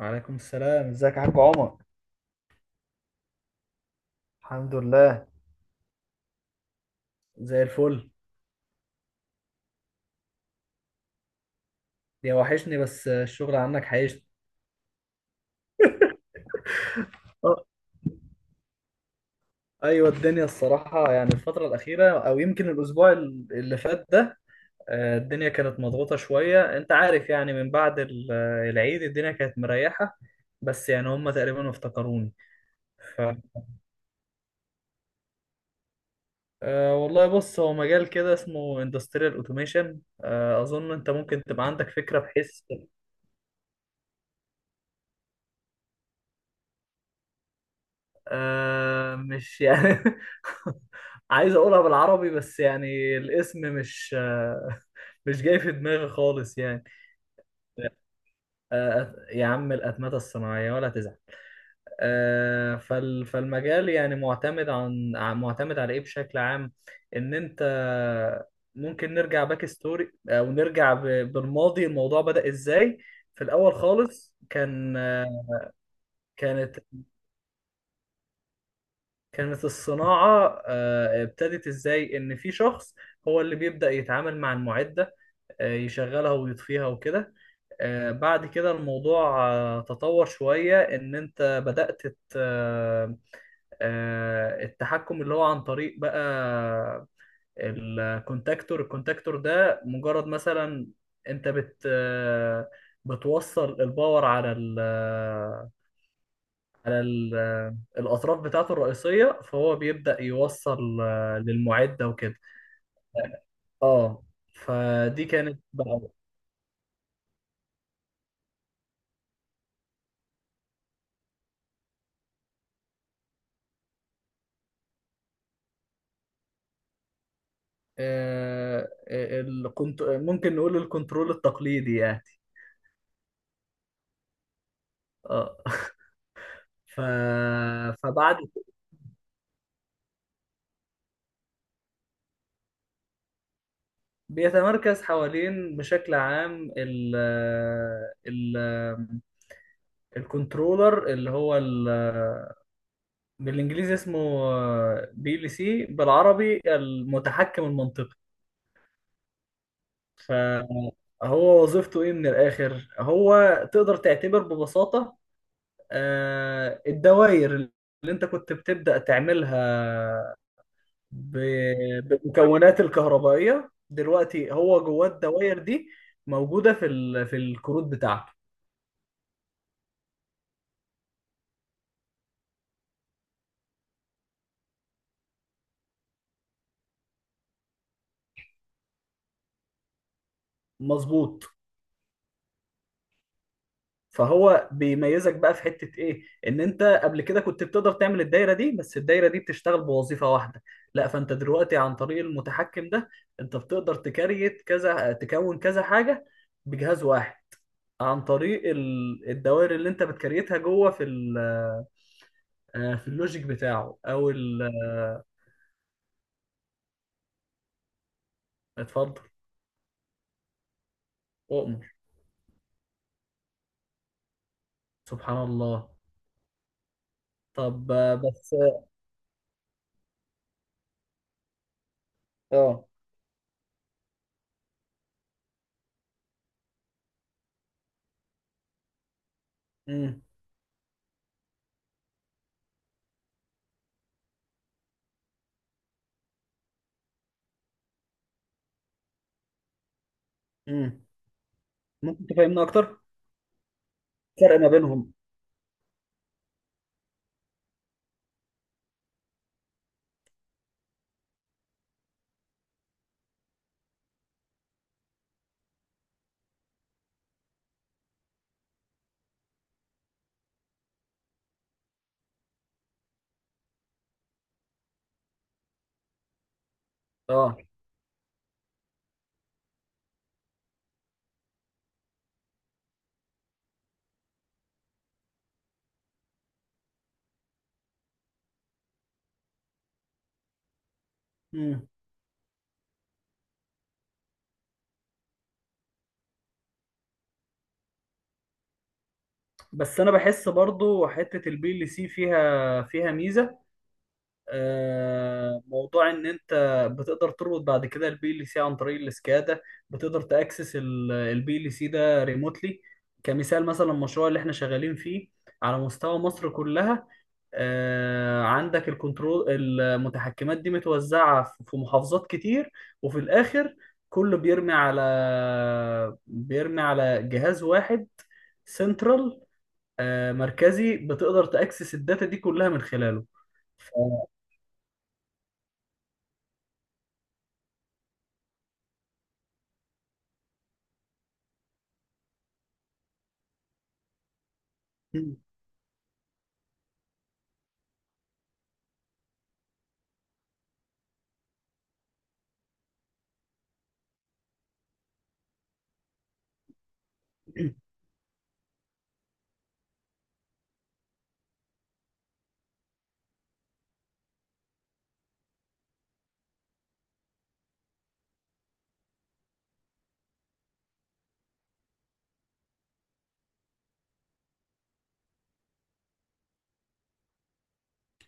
وعليكم السلام، ازيك يا حاج عمر؟ الحمد لله. زي الفل. يا وحشني، بس الشغل عنك حيشني. اه. ايوه، الدنيا الصراحة يعني الفترة الأخيرة أو يمكن الأسبوع اللي فات ده، الدنيا كانت مضغوطة شوية. أنت عارف يعني من بعد العيد الدنيا كانت مريحة، بس يعني هم تقريبا افتكروني. ف آه، والله، بص هو مجال كده اسمه industrial automation. أظن أنت ممكن تبقى عندك فكرة بحيث. مش يعني. عايز اقولها بالعربي، بس يعني الاسم مش جاي في دماغي خالص يعني. يا عم الأتمتة الصناعية ولا تزعل. فالمجال يعني معتمد على ايه بشكل عام؟ ان انت ممكن نرجع باك ستوري او نرجع بالماضي، الموضوع بدأ ازاي في الاول خالص؟ كانت كانت الصناعة ابتدت ازاي؟ ان في شخص هو اللي بيبدأ يتعامل مع المعدة، يشغلها ويطفيها وكده. بعد كده الموضوع تطور شوية إن أنت بدأت التحكم اللي هو عن طريق بقى الكونتاكتور ده مجرد مثلا. أنت بت آه، بتوصل الباور على الأطراف بتاعته الرئيسية، فهو بيبدأ يوصل للمعدة وكده. اه. فدي كانت بقى. آه، ممكن نقول الكنترول التقليدي يعني. اه. ف... فبعد بيتمركز حوالين بشكل عام. ال... الكنترولر اللي هو بالانجليزي اسمه بي ال سي، بالعربي المتحكم المنطقي. فهو وظيفته ايه من الاخر؟ هو تقدر تعتبر ببساطة الدوائر اللي انت كنت بتبدأ تعملها بالمكونات الكهربائية دلوقتي هو جواه. الدوائر دي موجودة في الكروت بتاعته. مظبوط. فهو بيميزك بقى في حتة ايه؟ ان انت قبل كده كنت بتقدر تعمل الدايرة دي، بس الدايرة دي بتشتغل بوظيفة واحدة. لا، فانت دلوقتي عن طريق المتحكم ده انت بتقدر تكريت كذا تكون كذا حاجة بجهاز واحد، عن طريق الدوائر اللي انت بتكريتها جوه في اللوجيك بتاعه اتفضل. اؤمر. سبحان الله. طب بس. اه. امم. امم. ممكن تفهمنا اكتر؟ فرق ما بينهم. اه. مم. بس انا بحس برضو حته البي ال سي فيها ميزه. موضوع ان انت بتقدر تربط بعد كده البي ال سي عن طريق السكادا، بتقدر تاكسس البي ال سي ده ريموتلي. كمثال مثلا، المشروع اللي احنا شغالين فيه على مستوى مصر كلها، آه، عندك الكنترول المتحكمات دي متوزعه في محافظات كتير، وفي الاخر كله بيرمي على جهاز واحد سنترال مركزي. بتقدر تأكسس الداتا دي كلها من خلاله. ف...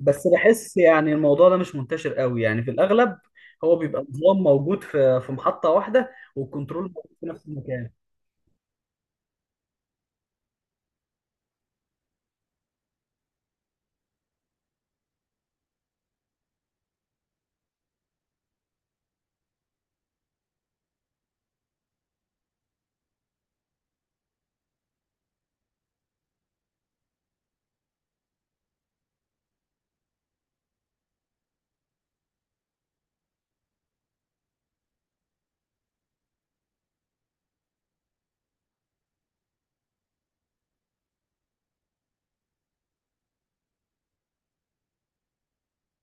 بس بحس يعني الموضوع ده مش منتشر قوي، يعني في الأغلب هو بيبقى نظام موجود في محطة واحدة والكنترول موجود في نفس المكان.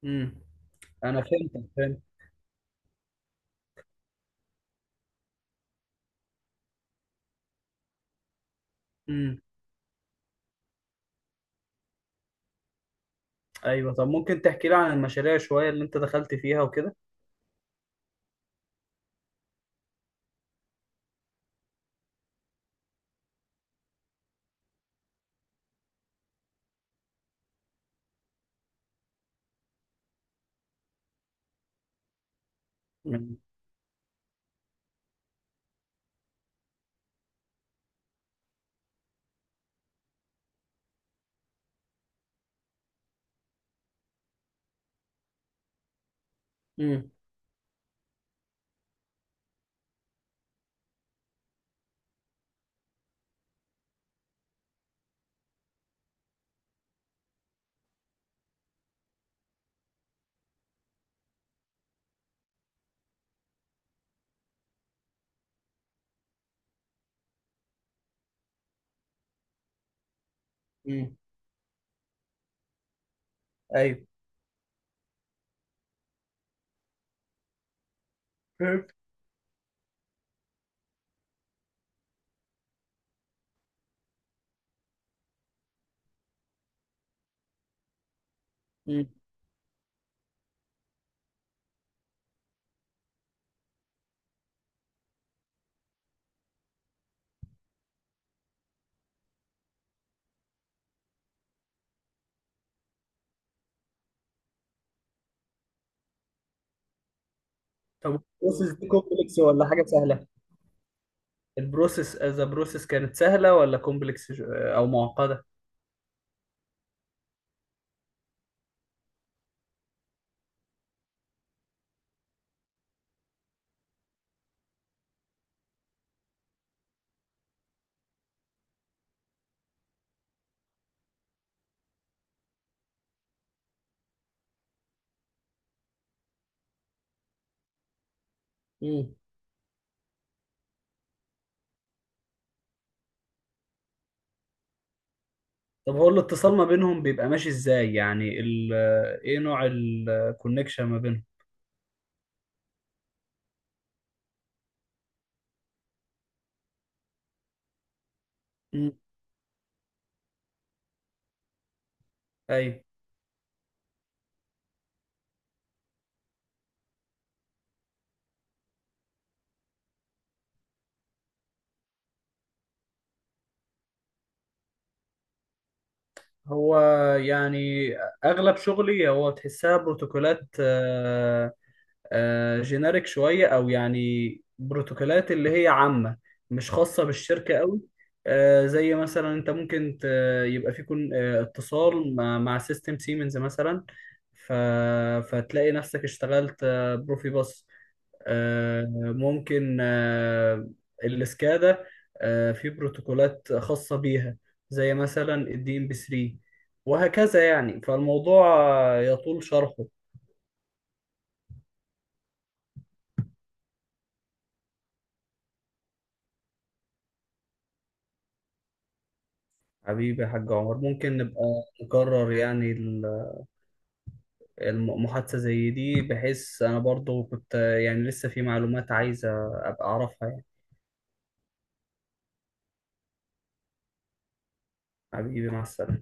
امم. أنا فهمتك، فهمت. امم. أيوه، طب ممكن تحكي لي عن المشاريع شوية اللي أنت دخلت فيها وكده؟ امم. امم. أمم. أيوه، فهمت. امم. طب البروسيس دي كومبلكس ولا حاجة سهلة؟ البروسيس از بروسيس كانت سهلة ولا كومبلكس أو معقدة؟ طب هو الاتصال ما بينهم بيبقى ماشي ازاي؟ يعني ال ايه نوع الكونكشن ما بينهم؟ مم. اي، هو يعني اغلب شغلي هو تحسها بروتوكولات جينيريك شويه، او يعني بروتوكولات اللي هي عامه، مش خاصه بالشركه قوي. زي مثلا انت ممكن يبقى في كون آه، اتصال مع سيستم سيمنز مثلا. ف- فتلاقي نفسك اشتغلت بروفيباص. آه، ممكن الاسكادا في بروتوكولات خاصة بيها، زي مثلا الدي ام بي 3، وهكذا يعني فالموضوع يطول شرحه. حبيبي يا حاج عمر، ممكن نبقى نكرر يعني المحادثة زي دي، بحيث أنا برضو كنت يعني لسه في معلومات عايزة أبقى أعرفها يعني. حبيبي، مع السلامة.